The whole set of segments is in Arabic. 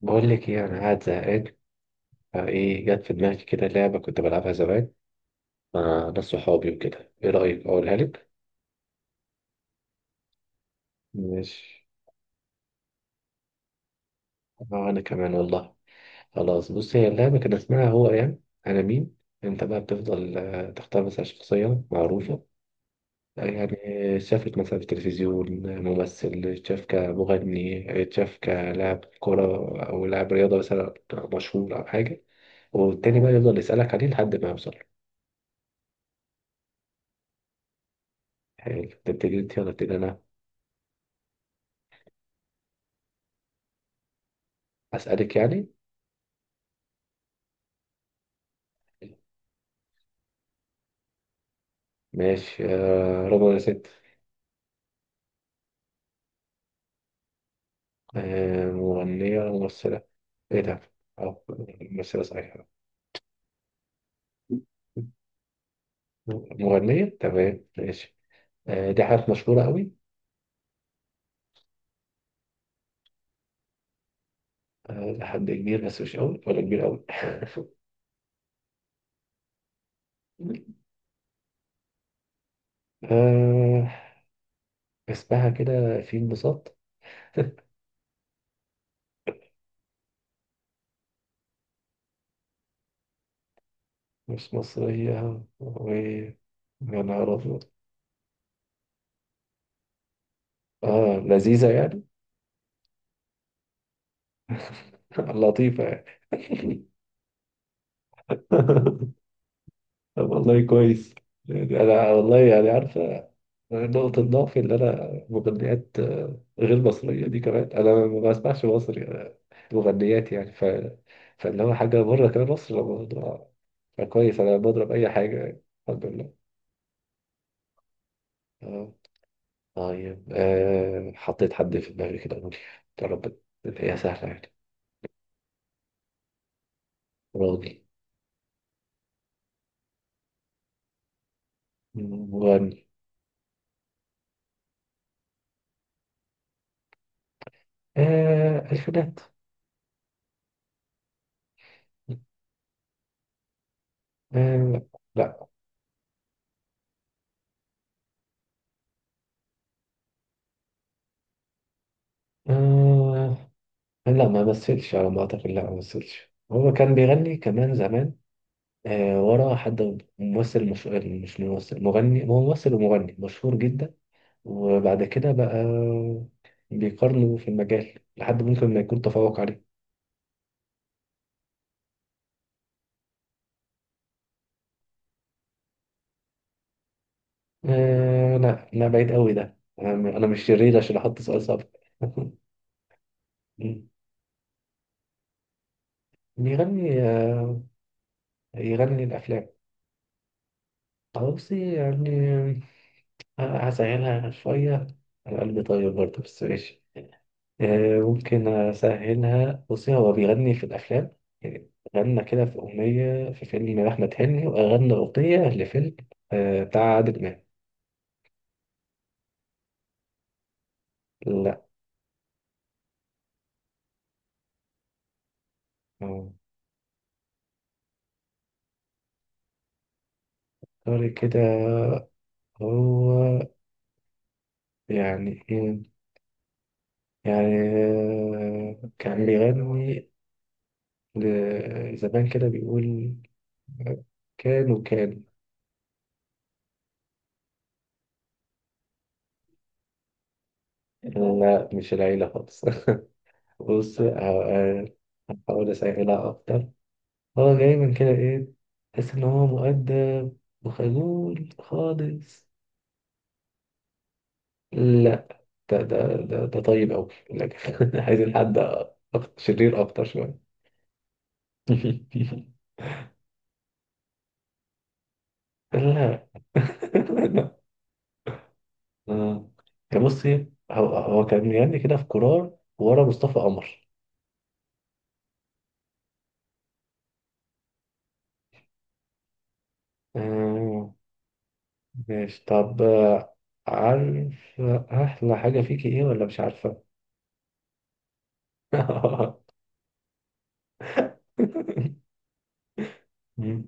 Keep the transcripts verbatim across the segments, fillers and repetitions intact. بقول لك ايه، انا قاعد زهقان. فايه جت في دماغي كده لعبه كنت بلعبها زمان مع ناس صحابي وكده. ايه رايك اقولها لك؟ ماشي. اه انا كمان والله. خلاص، بص، هي اللعبه كان اسمها هو يعني انا مين. انت بقى بتفضل آه، تختار مثلا شخصيه معروفه، آه، يعني شافت مثلا في التلفزيون ممثل، شاف كمغني، شاف كلاعب كرة أو لاعب رياضة مثلا مشهور أو حاجة، والتاني بقى يفضل يسألك عليه لحد ما يوصل. حلو، تبتدي أنت ولا أبتدي أنا؟ أسألك يعني. ماشي. آه، رضوى يا ست. آه، مغنية ولا ممثلة؟ ايه ده؟ أو ممثلة صحيحة. مغنية، تمام، ماشي. آه، دي حاجات مشهورة قوي. آه، لحد كبير بس مش قوي ولا كبير قوي. آه، اسمها كده في انبساط. مش مصرية و يا نهار أبيض. اه لذيذة يعني. لطيفة يعني. طب والله كويس. يعني انا والله يعني عارفه نقطة ضعفي، اللي أنا مغنيات آه، غير مصرية دي كمان أنا ما بسمعش مصري، آه، مغنيات يعني ف... فاللي هو حاجة بره كمان مصر الموضوع. فكويس، أنا بضرب أي حاجة يعني. الحمد لله. آه، طيب، آه، حطيت حد في دماغي كده، قولي. يا رب، هي سهلة يعني. راضي. مغني. آه، الفينات. آه، لا. آه، لا، ما مثلش على ما أعتقد. لا ما مثلش، هو كان بيغني كمان زمان آه، ورا حد ممثل. مش مش ممثل، مغني. هو ممثل ومغني مشهور جدا، وبعد كده بقى بيقارنوا في المجال لحد ممكن ما يكون تفوق عليه. آه لا لا، بعيد قوي ده. انا أنا مش شرير عشان احط سؤال صعب. بيغني آه، يغني الافلام. بصي يعني، آه، هسهلها شويه. انا قلبي طيب برضه بس ماشي. آه، ممكن أسهلها. بصي، هو بيغني في الأفلام يعني، غنى كده في أغنية في فيلم أحمد حلمي، وغنى أغنية لفيلم آه، بتاع عادل إمام. لا. آه، سوري كده. هو يعني إيه، يعني آه، كان بيغني ل- زمان كده بيقول كان وكان. لا مش العيلة خالص. بص، آه، آه، هحاول أسهلها أكتر. هو دايما كده ايه، تحس ان هو مؤدب وخجول خالص. لا، ده ده ده, ده طيب أوي لكن عايزين حد أكتر شرير، أكتر شوية. لا. لا. آه. كان، بصي، هو هو كان يعني كده في قرار ورا مصطفى قمر. آه. ماشي. طب، آه، عارف أحلى حاجة فيكي إيه ولا مش عارفة؟ مم.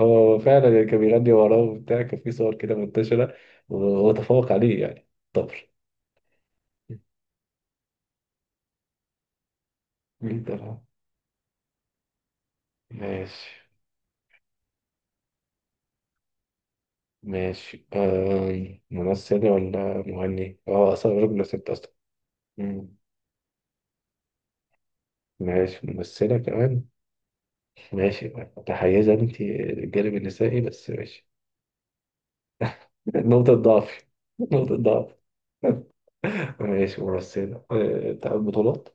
هو فعلا اللي كان بيغني وراه وبتاع، كان في صور كده منتشرة وتفوق عليه يعني. طبر. مين ده بقى؟ ماشي ماشي. آه، ممثلة ولا مغني؟ اه أصلا راجل ولا ست أصلا؟ مم. ماشي، ممثلة كمان. ماشي. متحيزة أنت للجانب النسائي بس ماشي. نقطة ضعف، نقطة ضعف. ماشي. ممثلة، آه، بتاعت بطولات.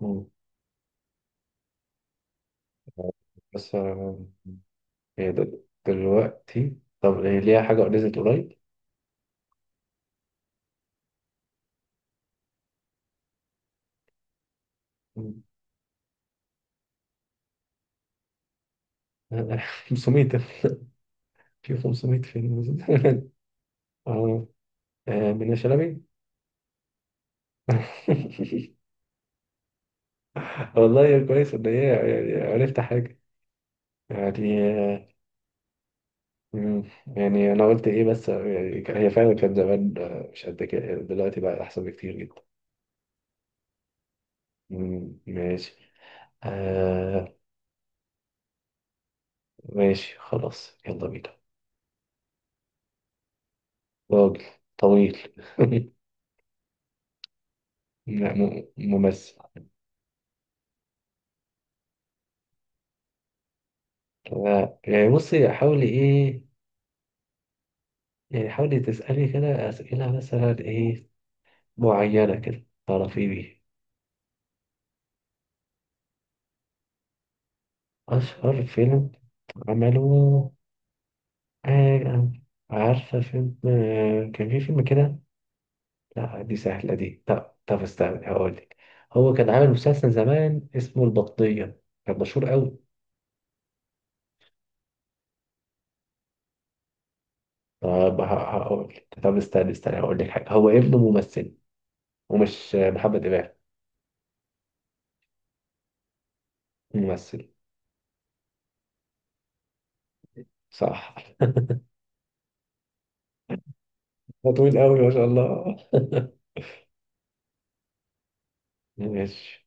مم. بس آه، هي دل- دلوقتي طب هي ليها حاجة نزلت قريب؟ خمسمية، في خمسمية فيلم نزل. اه، آه، من شلبي. والله يا كويس ان هي يعني عرفت حاجة يعني، آه، مم، يعني انا قلت ايه بس آه، يعني هي فعلا كانت زمان آه، مش قد كده، يعني دلوقتي بقى احسن بكتير جدا. مم، ماشي. آه. ماشي خلاص، يلا بينا. راجل، طويل. لا، م- ممثل. لا، يعني بصي، حاولي ايه، يعني حاولي تسألي كده أسئلة مثلا ايه معينة كده تعرفي بيه. أشهر فيلم عمله؟ آه، عارفة فيلم، آه، كان في فيلم كده. لا دي سهلة دي. لا طب استنى هقولك. هو كان عامل مسلسل زمان اسمه البطية، كان مشهور أوي. طب هقولك، طب استنى استنى، هقولك حاجة، هو ابنه ممثل. ومش محمد إمام. ممثل. صح. ده طويل أوي ما شاء الله. ماشي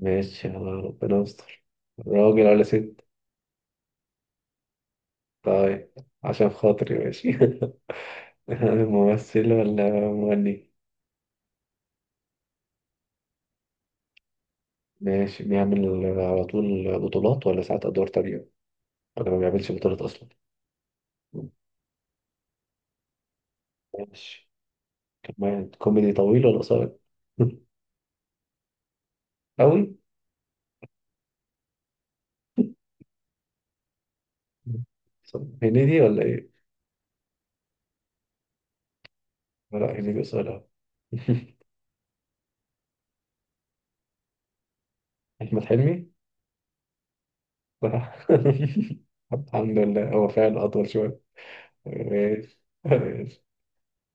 ماشي. يلا ربنا يستر. راجل ولا ست؟ طيب، عشان خاطري ماشي. ممثل ولا مغني؟ ماشي. بيعمل على طول بطولات، ولا ساعات أدوار تانية، ولا ما بيعملش بطولات أصلا؟ ماشي. كمان كوميدي. طويل ولا قصير؟ أوي. طب هنيدي ولا إيه؟ لا هنيدي قصير أوي. أحمد حلمي. صح. الحمد لله هو فعلا أطول شوية. ماشي ماشي.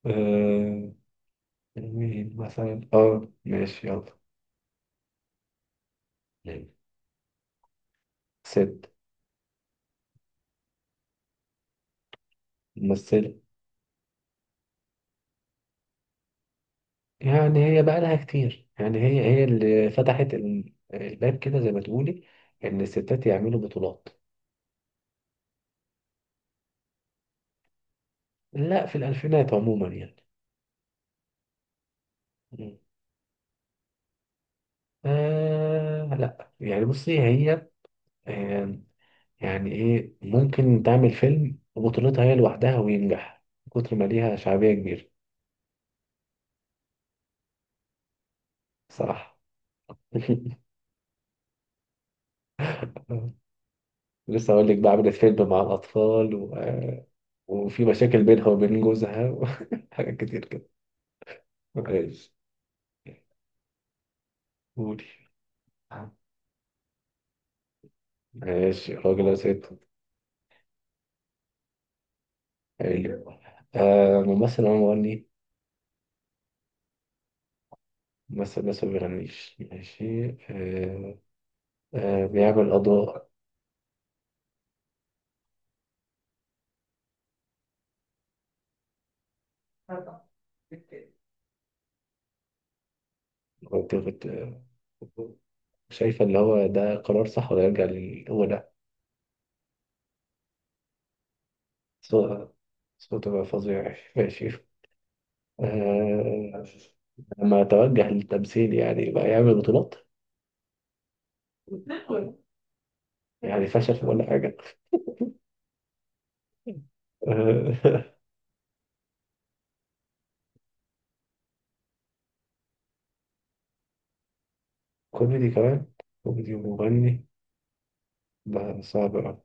أه، مين مثلا؟ اه ماشي يلا. مم. ست. ممثلة. يعني هي بقى لها كتير، يعني هي هي اللي فتحت ال- الباب كده زي ما تقولي إن الستات يعملوا بطولات. لا، في الألفينات عموما يعني. مم. آه لا، يعني بصي هي، آه، يعني إيه، ممكن تعمل فيلم بطولتها هي لوحدها وينجح من كتر ما ليها شعبية كبيرة. صراحة. لسه أقول لك بقى، عملت فيلم مع الأطفال وفي مشاكل بينها وبين جوزها وحاجات كتير كده. ماشي. قولي. ماشي، راجل أو ست؟ حلو. آه، ممثل أو مغني؟ ممثل بس ما بيغنيش، ماشي. آه، آه بيعمل أضواء. كنت كنت شايفة اللي هو ده قرار صح ولا يرجع للأولى؟ صوت- صوته بقى فظيع. ماشي. آه، لما توجه للتمثيل، يعني بقى يعمل بطولات؟ يعني فشل ولا حاجة؟ آه، كوميدي كمان. كوميدي ومغني، ده صعب أوي.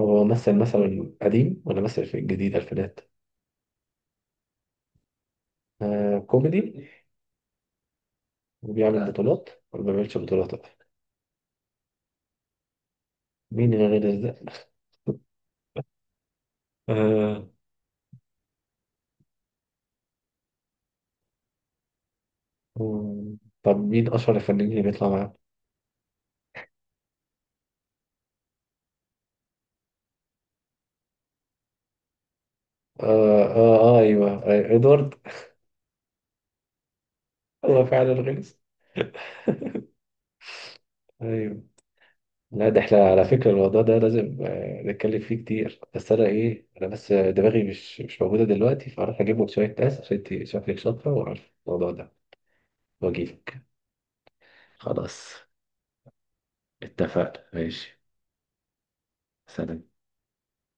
هو مثل مثلا قديم، ولا مثل في الجديد ألفينات؟ آه كوميدي. وبيعمل بطولات ولا ما بيعملش بطولات؟ مين اللي غير ده؟ آه. مم، طب مين أشهر الفنانين اللي بيطلع معاه؟ آه, آه, آه أيوه، آه، إدوارد. هو فعلا غلس. أيوه. لا ده احنا على فكرة الموضوع ده لازم، آه، نتكلم فيه كتير، بس انا ايه، انا بس آه، دماغي مش مش موجودة دلوقتي، فاروح اجيب لك شوية ناس، عشان انت شكلك شاطرة وعارفة الموضوع ده، واجيلك. خلاص، اتفقنا. ماشي. سلام.